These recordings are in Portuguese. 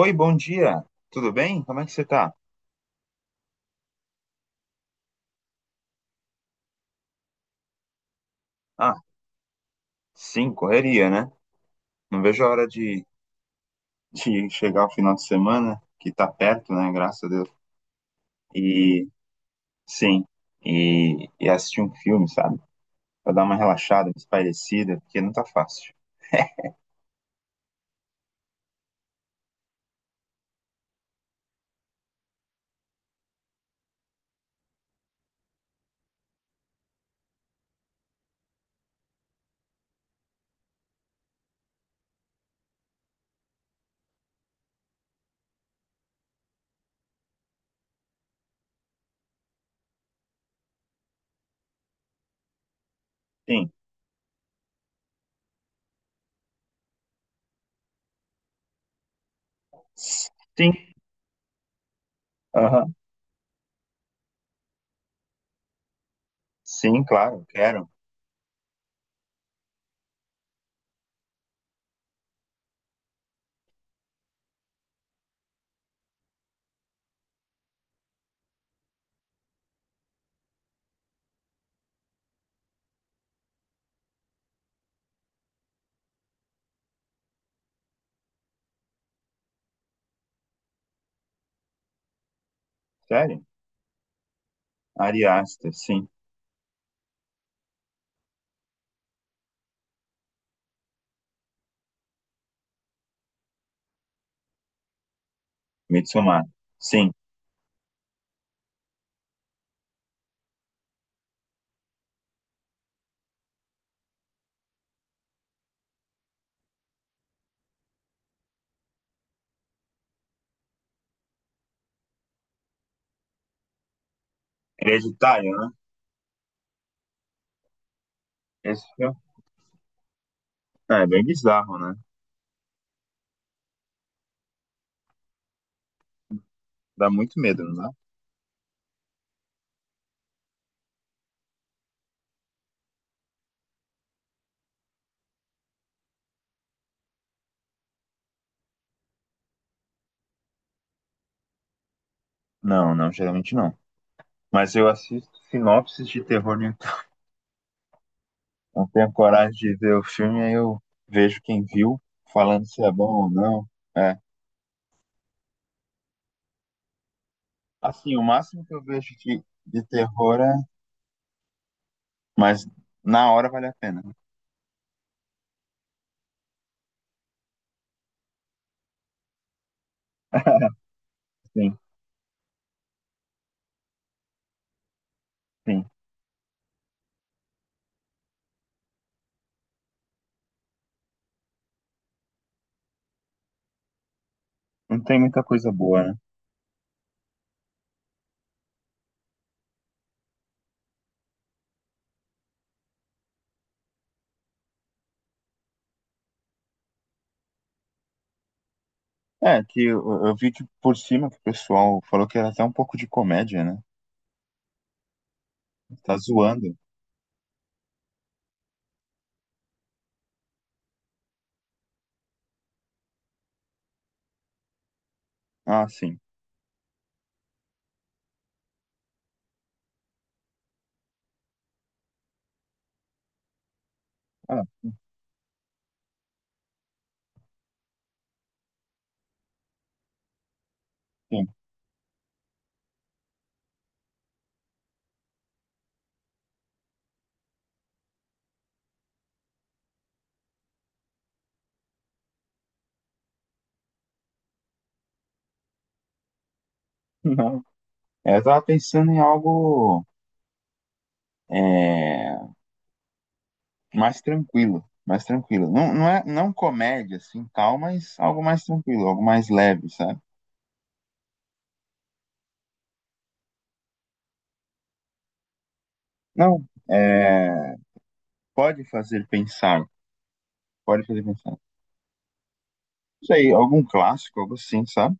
Oi, bom dia. Tudo bem? Como é que você tá? Ah, sim, correria, né? Não vejo a hora de chegar o final de semana, que tá perto, né? Graças a Deus. E sim, e assistir um filme, sabe? Pra dar uma relaxada, uma espairecida, porque não tá fácil. Sim. Sim. Aham. Sim, claro, quero. Sério? Ari Aster, sim. Midsommar. Sim. Hereditário, né? Esse filme. Ah, é bem bizarro, né? Dá muito medo, não dá? Não, não, geralmente não. Mas eu assisto sinopses de terror no YouTube. Não tenho coragem de ver o filme, aí eu vejo quem viu, falando se é bom ou não. É. Assim, o máximo que eu vejo de terror é. Mas na hora vale a pena, né? Sim, sim. Não tem muita coisa boa, né? É, que eu vi que por cima que o pessoal falou que era até um pouco de comédia, né? Tá zoando. Ah, sim. Ah, sim. Não. Eu tava pensando em algo. É mais tranquilo, mais tranquilo. Não, não é não comédia assim, tal, mas algo mais tranquilo, algo mais leve, sabe? Não, é, pode fazer pensar, pode fazer pensar. Não sei, algum clássico, algo assim, sabe?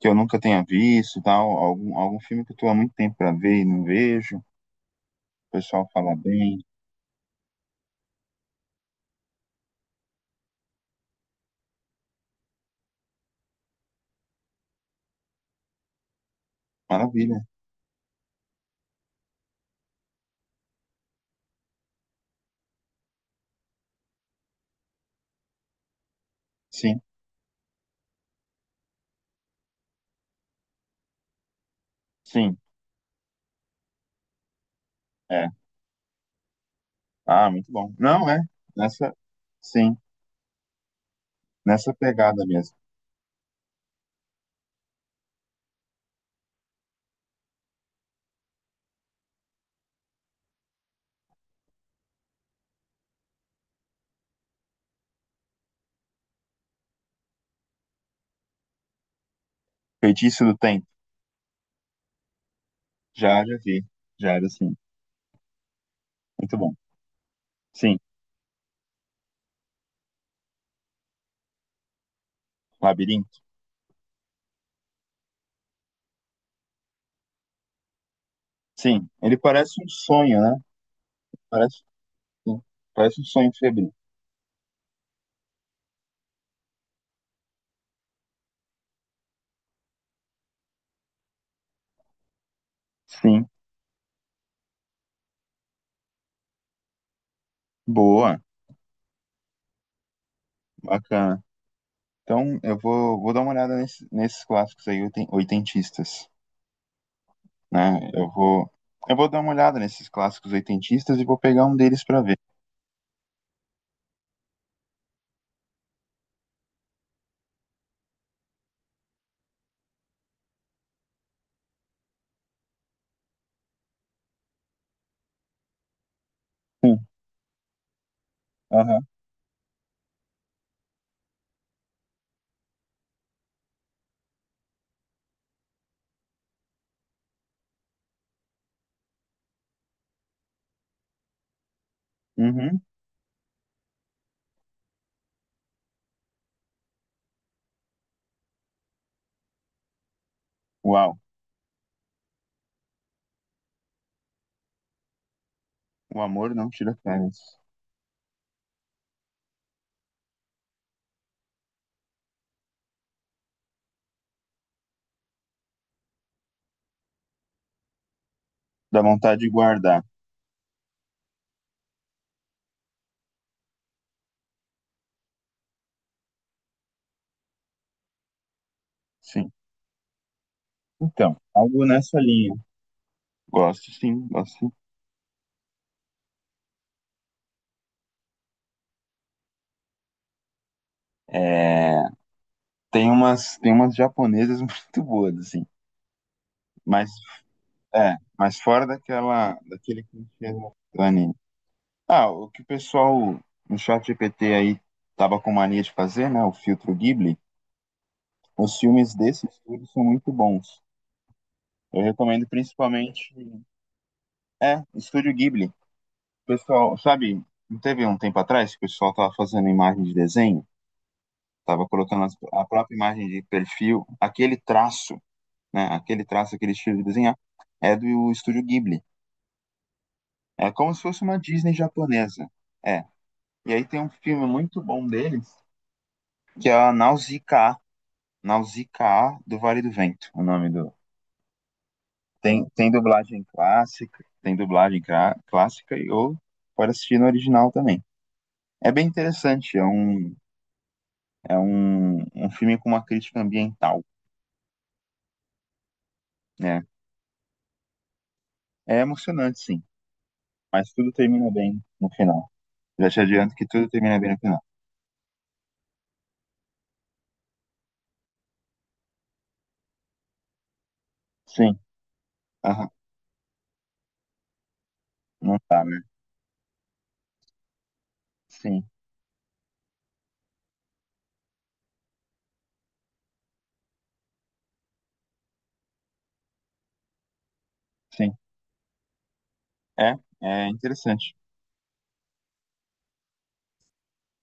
Que eu nunca tenha visto, tal, algum, algum filme que eu tô há muito tempo pra ver e não vejo. O pessoal fala bem, maravilha. Sim, sim, é. Ah, muito bom. Não é nessa, sim, nessa pegada mesmo. Feitiço do Tempo, já vi, já era assim, muito bom. Sim, Labirinto. Sim, ele parece um sonho, né? Parece, sim. Parece um sonho febril. Sim, boa, bacana. Então, eu vou, vou dar uma olhada nesses clássicos aí oitentistas, né? Eu vou dar uma olhada nesses clássicos oitentistas e vou pegar um deles pra ver. Sim, aham. Uhum. Uau, o amor não tira férias. Dá vontade de guardar, sim. Então, algo nessa linha. Gosto, sim, gosto. Sim. É, tem umas japonesas muito boas, assim. Mas é, mas fora daquele clichê do Dani. Ah, o que o pessoal no chat GPT aí tava com mania de fazer, né? O filtro Ghibli. Os filmes desse estúdio são muito bons. Eu recomendo principalmente. É, Estúdio Ghibli. Pessoal, sabe, não teve um tempo atrás que o pessoal tava fazendo imagem de desenho? Tava colocando a própria imagem de perfil, aquele traço, né? Aquele traço, aquele estilo de desenhar, é do Estúdio Ghibli. É como se fosse uma Disney japonesa. É. E aí tem um filme muito bom deles, que é a Nausicaa, Nausicaa do Vale do Vento, o nome do. Tem, tem dublagem clássica, tem dublagem clássica e ou pode assistir no original também. É bem interessante, é um, um filme com uma crítica ambiental, né? É emocionante, sim, mas tudo termina bem no final. Já te adianto que tudo termina bem no final. Sim, aham, não tá, né? Sim, sim. É, é interessante.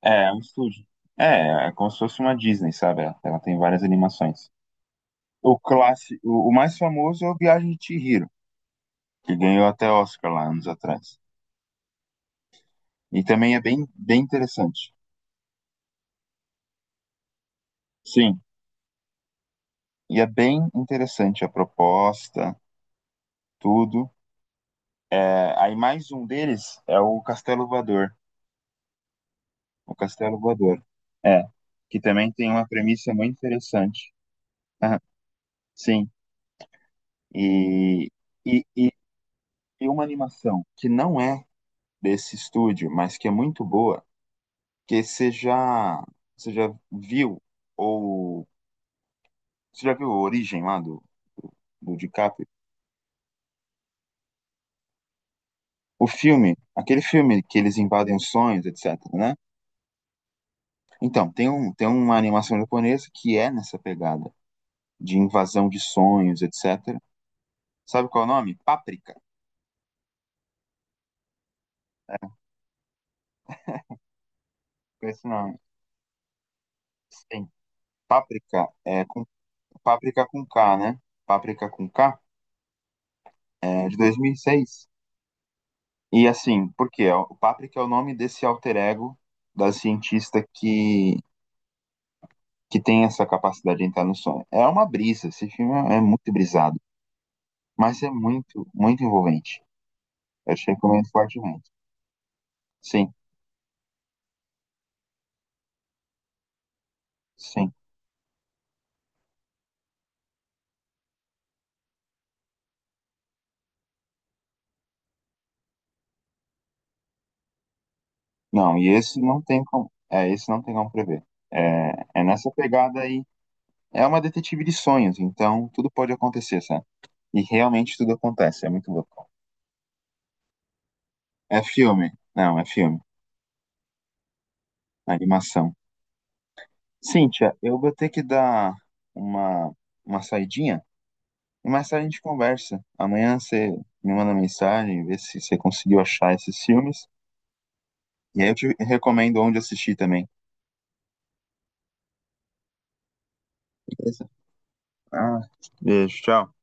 É, é um estúdio. É, é como se fosse uma Disney, sabe? Ela tem várias animações. O clássico, o mais famoso é o Viagem de Chihiro, que ganhou até Oscar lá anos atrás. E também é bem, bem interessante. Sim, e é bem interessante a proposta, tudo. É, aí mais um deles é o Castelo Voador. O Castelo Voador. É, que também tem uma premissa muito interessante. Aham, sim, e, e, e e uma animação que não é desse estúdio, mas que é muito boa, que você já viu, ou você já viu a origem lá do, do DiCaprio? O filme, aquele filme que eles invadem os sonhos, etc, né? Então, tem uma animação japonesa que é nessa pegada de invasão de sonhos, etc. Sabe qual é o nome? Páprica. Esse nome. Sim. Páprica, é, com, Páprica com K, né? Páprica com K, é, de 2006. E assim, por quê? É, o Paprika é o nome desse alter ego da cientista que tem essa capacidade de entrar no sonho. É uma brisa, esse filme é muito brisado, mas é muito, muito envolvente. Eu te recomendo fortemente. Sim, sim. Não, e esse não tem como, é, esse não tem como prever. É, é nessa pegada aí. É uma detetive de sonhos, então tudo pode acontecer, sabe? E realmente tudo acontece, é muito louco. É filme. Não, é filme. Animação. Cíntia, eu vou ter que dar uma, uma saidinha e mais tarde a gente conversa. Amanhã você me manda mensagem, vê se você conseguiu achar esses filmes. E aí eu te recomendo onde assistir também. Beleza? Ah, beijo, tchau.